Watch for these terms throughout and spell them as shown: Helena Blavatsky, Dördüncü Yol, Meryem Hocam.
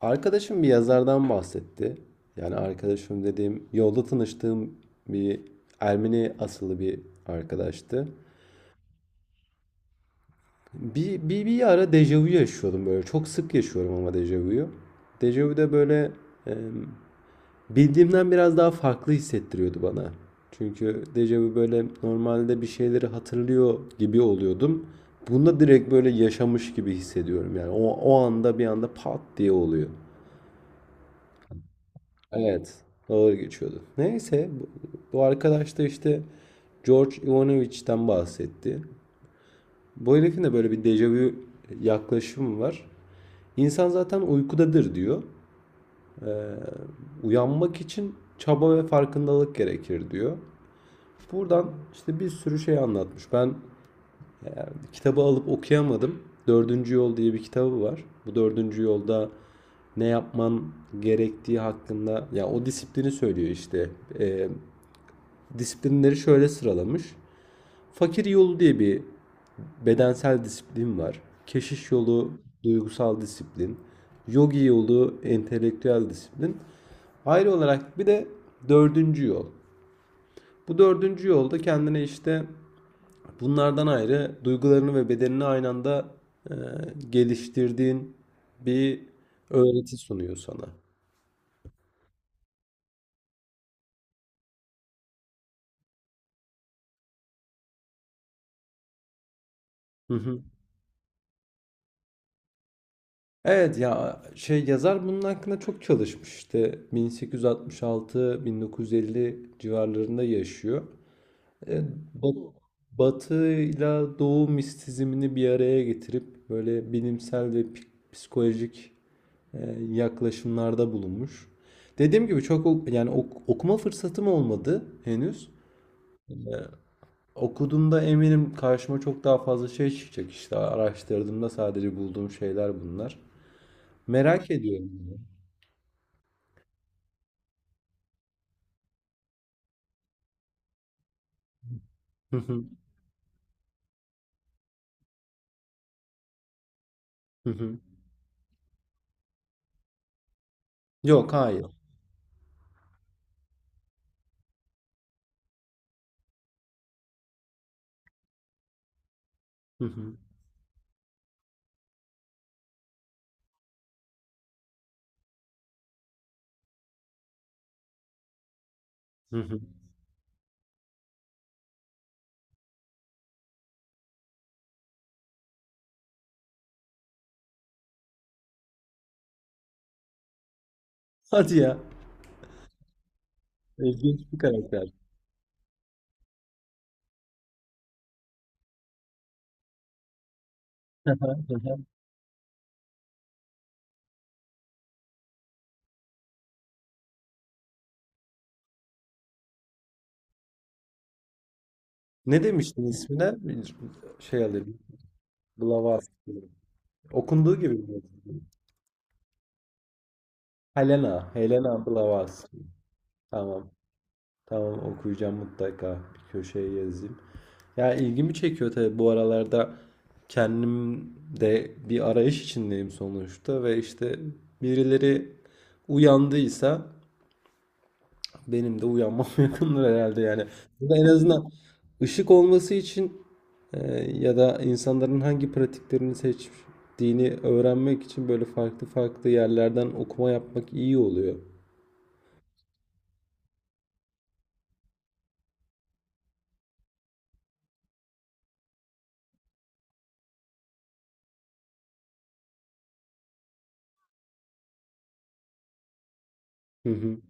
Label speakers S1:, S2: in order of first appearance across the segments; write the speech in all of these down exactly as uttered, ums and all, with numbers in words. S1: Arkadaşım bir yazardan bahsetti. Yani arkadaşım dediğim yolda tanıştığım bir Ermeni asıllı bir arkadaştı. Bir, bir, bir ara dejavu yaşıyordum böyle. Çok sık yaşıyorum ama dejavuyu. Dejavu da böyle e, bildiğimden biraz daha farklı hissettiriyordu bana. Çünkü dejavu böyle normalde bir şeyleri hatırlıyor gibi oluyordum. Bunda direkt böyle yaşamış gibi hissediyorum. Yani o, o anda bir anda pat diye oluyor. Evet. Ağır geçiyordu. Neyse bu, bu arkadaş da işte George Ivanovich'ten bahsetti. Bu herifin de böyle bir dejavu yaklaşımı var. İnsan zaten uykudadır diyor. Uyanmak için çaba ve farkındalık gerekir diyor. Buradan işte bir sürü şey anlatmış. Ben kitabı alıp okuyamadım. Dördüncü Yol diye bir kitabı var. Bu dördüncü yolda ne yapman gerektiği hakkında ya o disiplini söylüyor işte. Ee, Disiplinleri şöyle sıralamış. Fakir yolu diye bir bedensel disiplin var. Keşiş yolu duygusal disiplin. Yogi yolu entelektüel disiplin. Ayrı olarak bir de dördüncü yol. Bu dördüncü yolda kendine işte bunlardan ayrı duygularını ve bedenini aynı anda e, geliştirdiğin bir öğreti sunuyor sana. Hı hı. Evet ya şey yazar bunun hakkında çok çalışmış işte bin sekiz yüz altmış altı-bin dokuz yüz elli civarlarında yaşıyor. E, ba- Batı ile Doğu mistisizmini bir araya getirip böyle bilimsel ve pi- psikolojik e, yaklaşımlarda bulunmuş. Dediğim gibi çok o- yani ok- okuma fırsatım olmadı henüz. Okuduğumda eminim karşıma çok daha fazla şey çıkacak işte araştırdığımda sadece bulduğum şeyler bunlar. Merak ediyorum. Hı hı. Yok, hayır. Hı hı. Hı hı. Hadi ya. İlginç bir karakter. Hı hı, hı hı. Ne demiştin ismine? Bir şey alayım. Blavatsky. Okunduğu gibi mi? Helena. Helena Blavatsky. Tamam. Tamam, okuyacağım mutlaka. Bir köşeye yazayım. Ya ilgimi çekiyor tabii, bu aralarda kendim de bir arayış içindeyim sonuçta ve işte birileri uyandıysa benim de uyanmam yakındır herhalde yani. Burada en azından ışık olması için e, ya da insanların hangi pratiklerini seçtiğini öğrenmek için böyle farklı farklı yerlerden okuma yapmak iyi oluyor. Hı hı.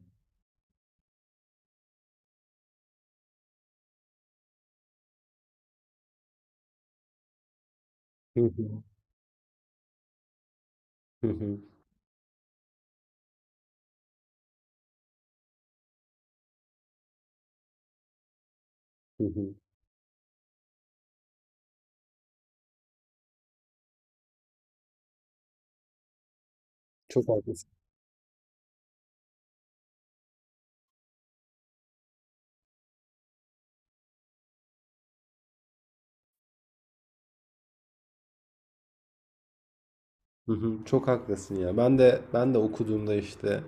S1: Hı hı. Hı hı. Hı hı. Çok haklısın. Hı hı. Çok haklısın ya. Ben de ben de okuduğumda işte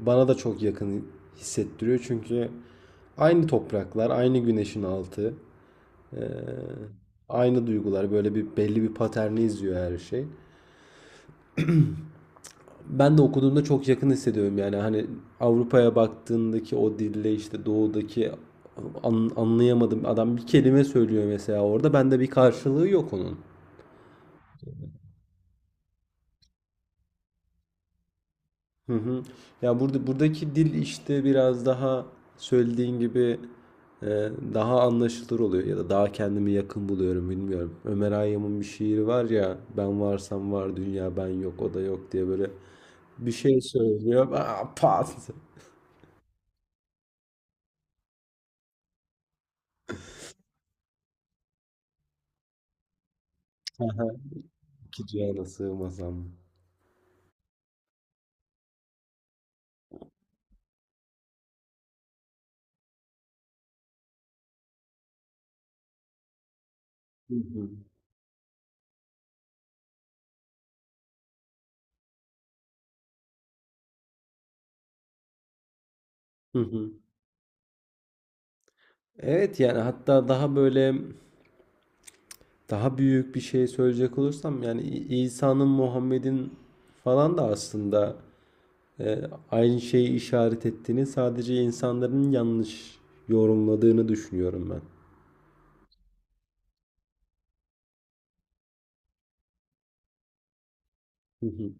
S1: bana da çok yakın hissettiriyor çünkü aynı topraklar, aynı güneşin altı. Ee, Aynı duygular böyle bir belli bir paterni izliyor her şey. Ben de okuduğumda çok yakın hissediyorum yani hani Avrupa'ya baktığındaki o dille işte doğudaki an- anlayamadım, adam bir kelime söylüyor mesela, orada bende bir karşılığı yok onun. Hı hı. Ya burada buradaki dil işte biraz daha söylediğin gibi e, daha anlaşılır oluyor ya da daha kendimi yakın buluyorum, bilmiyorum. Ömer Hayyam'ın bir şiiri var ya, ben varsam var dünya, ben yok o da yok diye böyle bir şey söylüyor. Aa, pat. Aha, İki cihana sığmasam. Hı hı. Hı hı. Evet, yani hatta daha böyle daha büyük bir şey söyleyecek olursam yani İ- İsa'nın, Muhammed'in falan da aslında E, aynı şeyi işaret ettiğini, sadece insanların yanlış yorumladığını düşünüyorum ben. Hı hı,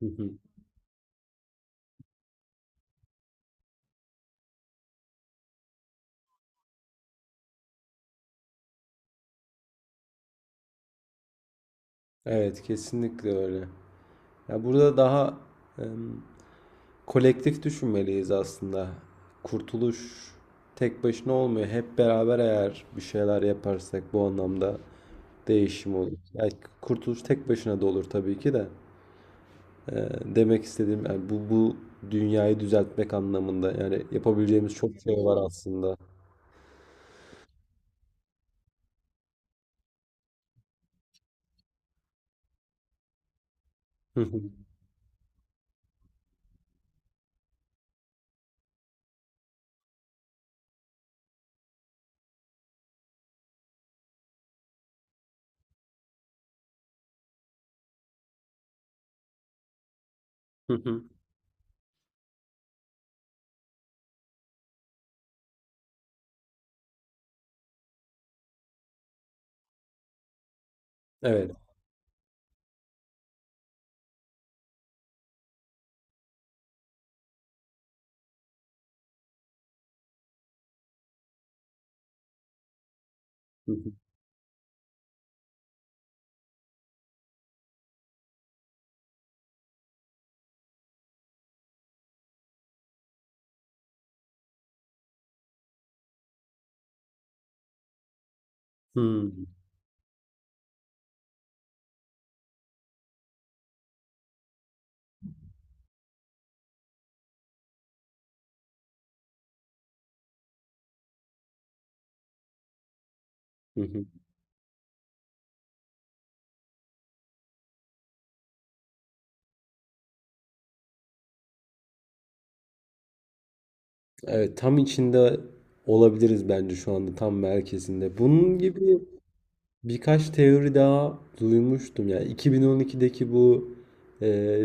S1: hı hı. Evet, kesinlikle öyle. Ya burada daha em, kolektif düşünmeliyiz aslında. Kurtuluş tek başına olmuyor. Hep beraber eğer bir şeyler yaparsak bu anlamda değişim olur. Yani kurtuluş tek başına da olur tabii ki de. E, Demek istediğim yani bu bu dünyayı düzeltmek anlamında yani yapabileceğimiz çok şey var aslında. Hı hı. Hı hı. Evet. Hı hı. Hımm. Hı hı. Evet, tam içinde olabiliriz bence şu anda, tam merkezinde. Bunun gibi birkaç teori daha duymuştum. Yani iki bin on ikideki bu e,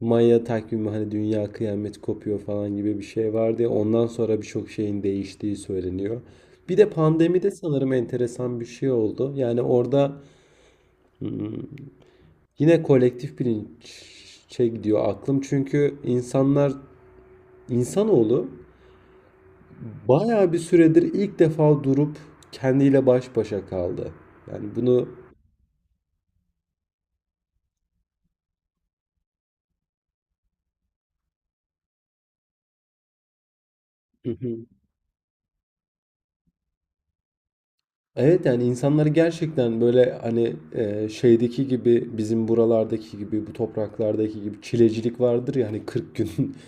S1: Maya takvimi, hani dünya kıyamet kopuyor falan gibi bir şey vardı ya. Ondan sonra birçok şeyin değiştiği söyleniyor. Bir de pandemide sanırım enteresan bir şey oldu. Yani orada hmm, yine kolektif bilinç şey, gidiyor aklım. Çünkü insanlar, İnsanoğlu bayağı bir süredir ilk defa durup kendiyle baş başa kaldı. Yani bunu hı hı. Evet, yani insanları gerçekten böyle hani e, şeydeki gibi, bizim buralardaki gibi, bu topraklardaki gibi çilecilik vardır ya hani kırk gün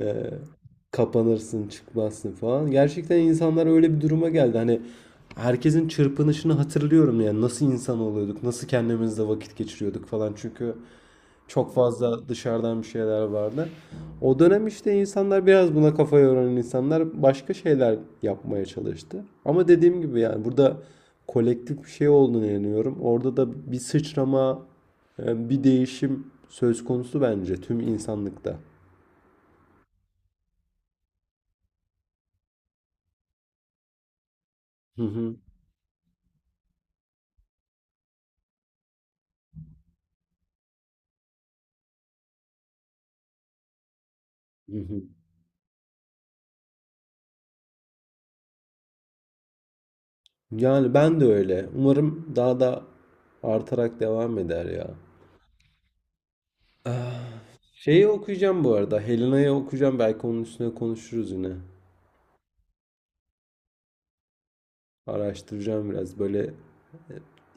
S1: e, kapanırsın çıkmazsın falan. Gerçekten insanlar öyle bir duruma geldi. Hani herkesin çırpınışını hatırlıyorum yani nasıl insan oluyorduk, nasıl kendimizle vakit geçiriyorduk falan. Çünkü çok fazla dışarıdan bir şeyler vardı. O dönem işte insanlar, biraz buna kafa yoran insanlar başka şeyler yapmaya çalıştı. Ama dediğim gibi yani burada kolektif bir şey olduğunu inanıyorum. Orada da bir sıçrama, e, bir değişim söz konusu bence tüm insanlıkta. Hı hı, hı hı. Yani ben de öyle. Umarım daha da artarak devam eder ya. Ah, şeyi okuyacağım bu arada. Helena'yı okuyacağım. Belki onun üstüne konuşuruz yine. Araştıracağım biraz. Böyle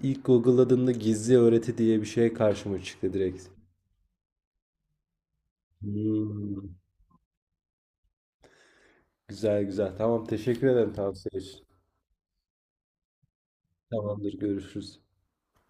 S1: ilk Google'ladığımda gizli öğreti diye bir şey karşıma çıktı direkt. Hmm. Güzel güzel. Tamam, teşekkür ederim tavsiye için. Tamamdır, görüşürüz.